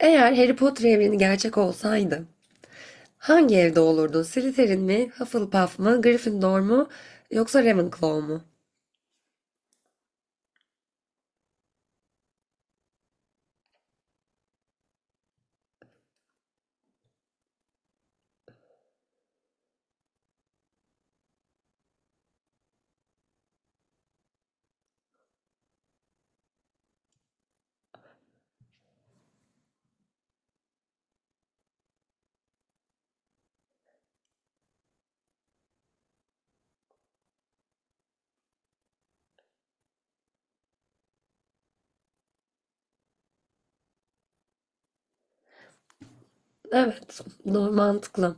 Eğer Harry Potter evreni gerçek olsaydı hangi evde olurdu? Slytherin mi, Hufflepuff mı, Gryffindor mu yoksa Ravenclaw mu? Evet, doğru mantıklı.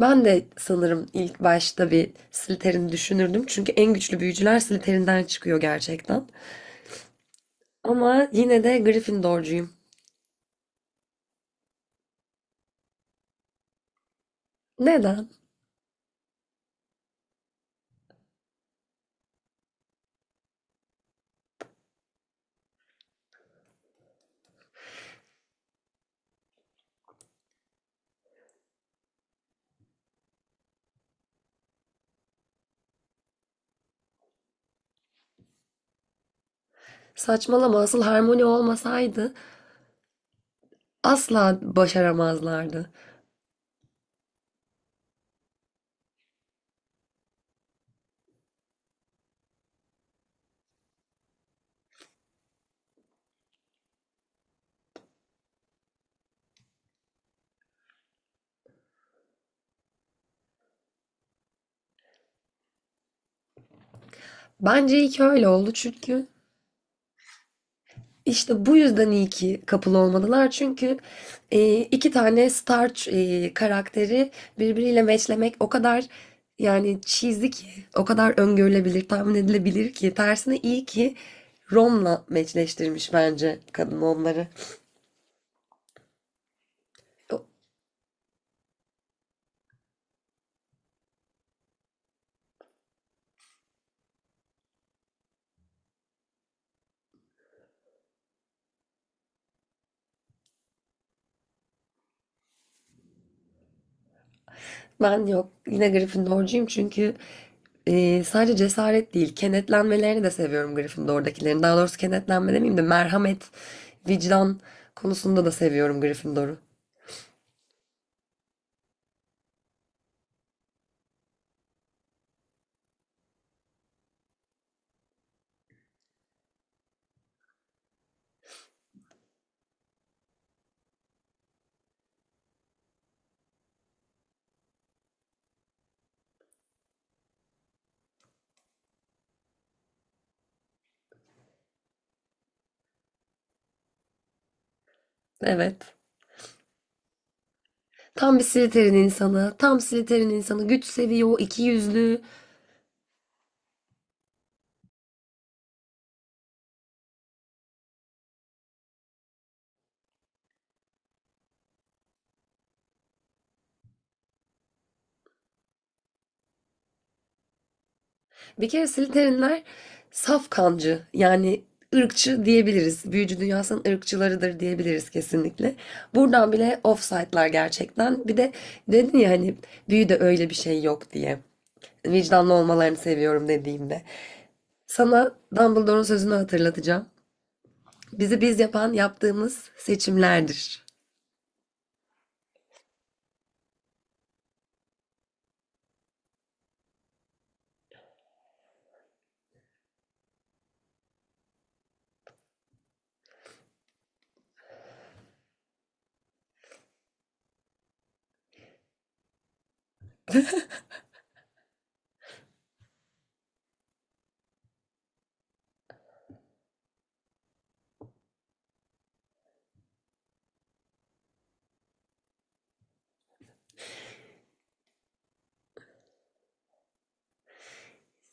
Ben de sanırım ilk başta bir Slytherin düşünürdüm. Çünkü en güçlü büyücüler Slytherin'den çıkıyor gerçekten. Ama yine de Gryffindorcuyum. Neden? Saçmalama, asıl Harmony olmasaydı asla başaramazlardı. Bence iyi ki öyle oldu, çünkü İşte bu yüzden iyi ki kapılı olmadılar. Çünkü iki tane star karakteri birbiriyle matchlemek o kadar yani cheesy ki, o kadar öngörülebilir, tahmin edilebilir ki. Tersine iyi ki Rom'la matchleştirmiş bence kadın onları. Ben yok yine Gryffindorcuyum, çünkü sadece cesaret değil kenetlenmelerini de seviyorum Gryffindor'dakilerin. Daha doğrusu kenetlenme demeyeyim de merhamet, vicdan konusunda da seviyorum Gryffindor'u. Evet. Tam bir Slytherin insanı. Tam Slytherin insanı. Güç seviyor, iki yüzlü. Bir kere Slytherinler saf kancı. Yani ırkçı diyebiliriz. Büyücü dünyasının ırkçılarıdır diyebiliriz kesinlikle. Buradan bile offside'lar gerçekten. Bir de dedin ya hani büyüde öyle bir şey yok diye. Vicdanlı olmalarını seviyorum dediğimde. Sana Dumbledore'un sözünü hatırlatacağım. Bizi biz yapan yaptığımız seçimlerdir.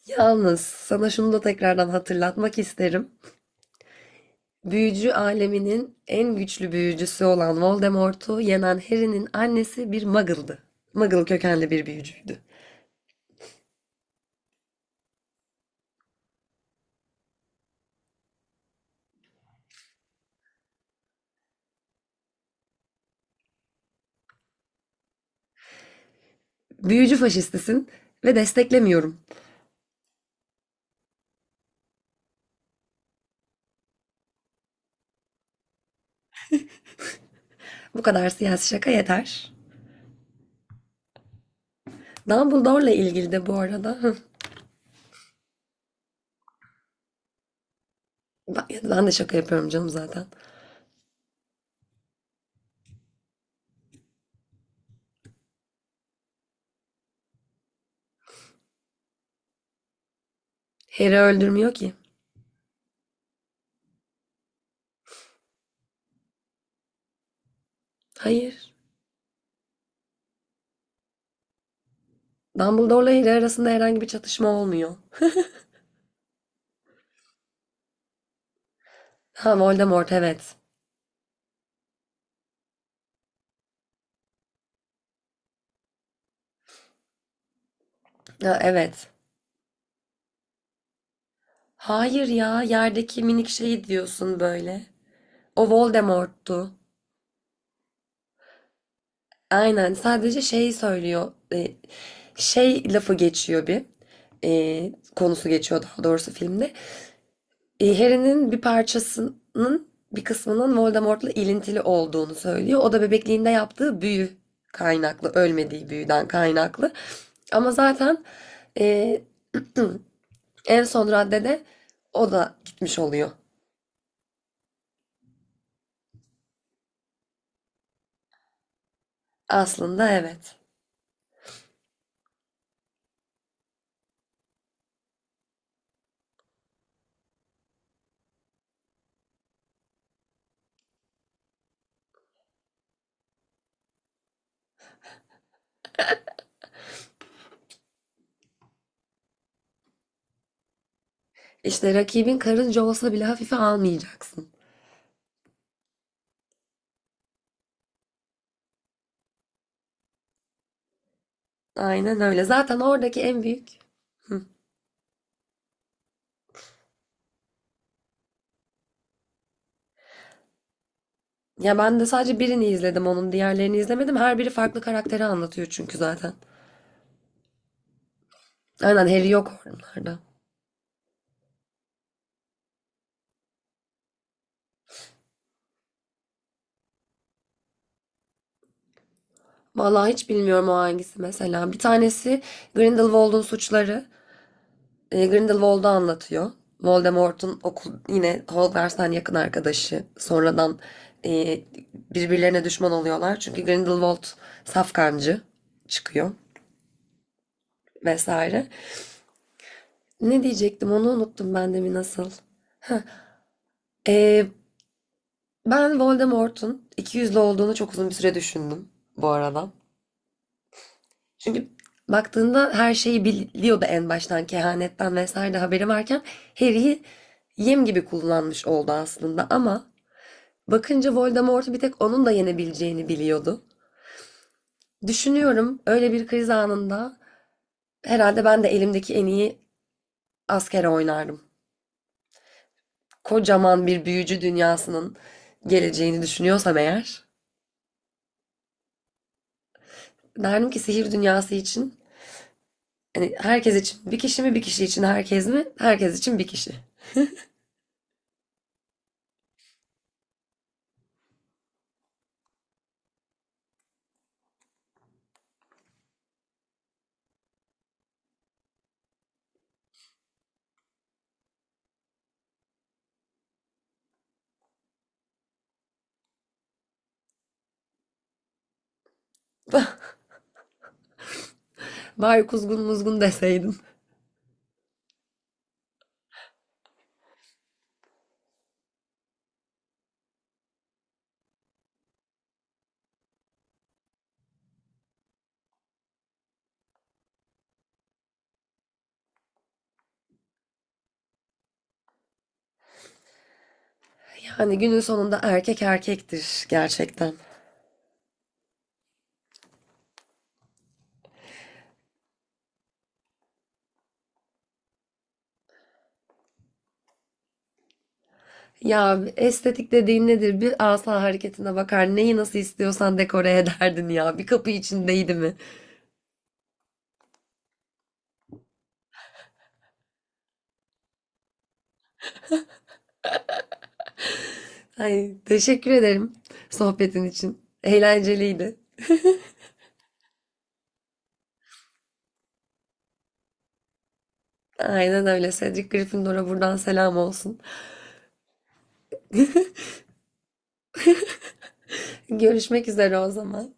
Yalnız sana şunu da tekrardan hatırlatmak isterim. Büyücü aleminin en güçlü büyücüsü olan Voldemort'u yenen Harry'nin annesi bir muggle'dı. Muggle kökenli bir büyücüydü. Büyücü faşistisin ve desteklemiyorum. Bu kadar siyasi şaka yeter. Dumbledore'la ilgili de bu arada. Ben de şaka yapıyorum canım zaten. Harry öldürmüyor ki. Hayır. Dumbledore'la Harry arasında herhangi bir çatışma olmuyor. Ha, Voldemort, evet. Ha, evet. Hayır ya, yerdeki minik şeyi diyorsun böyle. O Voldemort'tu. Aynen, sadece şey söylüyor, şey lafı geçiyor, bir konusu geçiyor daha doğrusu filmde. Harry'nin bir parçasının bir kısmının Voldemort'la ilintili olduğunu söylüyor. O da bebekliğinde yaptığı büyü kaynaklı, ölmediği büyüden kaynaklı, ama zaten e, en son raddede o da gitmiş oluyor. Aslında evet. İşte rakibin karınca olsa bile hafife almayacaksın. Aynen öyle. Zaten oradaki en büyük. Hı. Ya ben de sadece birini izledim onun. Diğerlerini izlemedim. Her biri farklı karakteri anlatıyor çünkü zaten. Aynen, Harry yok onlarda. Vallahi hiç bilmiyorum o hangisi mesela. Bir tanesi Grindelwald'un suçları. Grindelwald'u anlatıyor. Voldemort'un okul yine Hogwarts'tan yakın arkadaşı. Sonradan e, birbirlerine düşman oluyorlar. Çünkü Grindelwald safkancı çıkıyor vesaire. Ne diyecektim onu unuttum ben de mi nasıl? Ee, Ben Voldemort'un ikiyüzlü olduğunu çok uzun bir süre düşündüm bu arada. Çünkü baktığında her şeyi biliyordu en baştan, kehanetten vesaire de haberi varken Harry'i yem gibi kullanmış oldu aslında, ama bakınca Voldemort'u bir tek onun da yenebileceğini biliyordu. Düşünüyorum, öyle bir kriz anında herhalde ben de elimdeki en iyi askere oynardım. Kocaman bir büyücü dünyasının geleceğini düşünüyorsam eğer, derdim ki sihir dünyası için hani herkes için bir kişi mi, bir kişi için herkes mi? Herkes için bir kişi. Bari kuzgun muzgun deseydim. Yani günün sonunda erkek erkektir gerçekten. Ya estetik dediğin nedir? Bir asa hareketine bakar. Neyi nasıl istiyorsan dekore ederdin ya. Bir kapı içindeydi mi? Ay, teşekkür ederim sohbetin için. Eğlenceliydi. Aynen öyle. Cedric Gryffindor'a buradan selam olsun. Görüşmek üzere o zaman.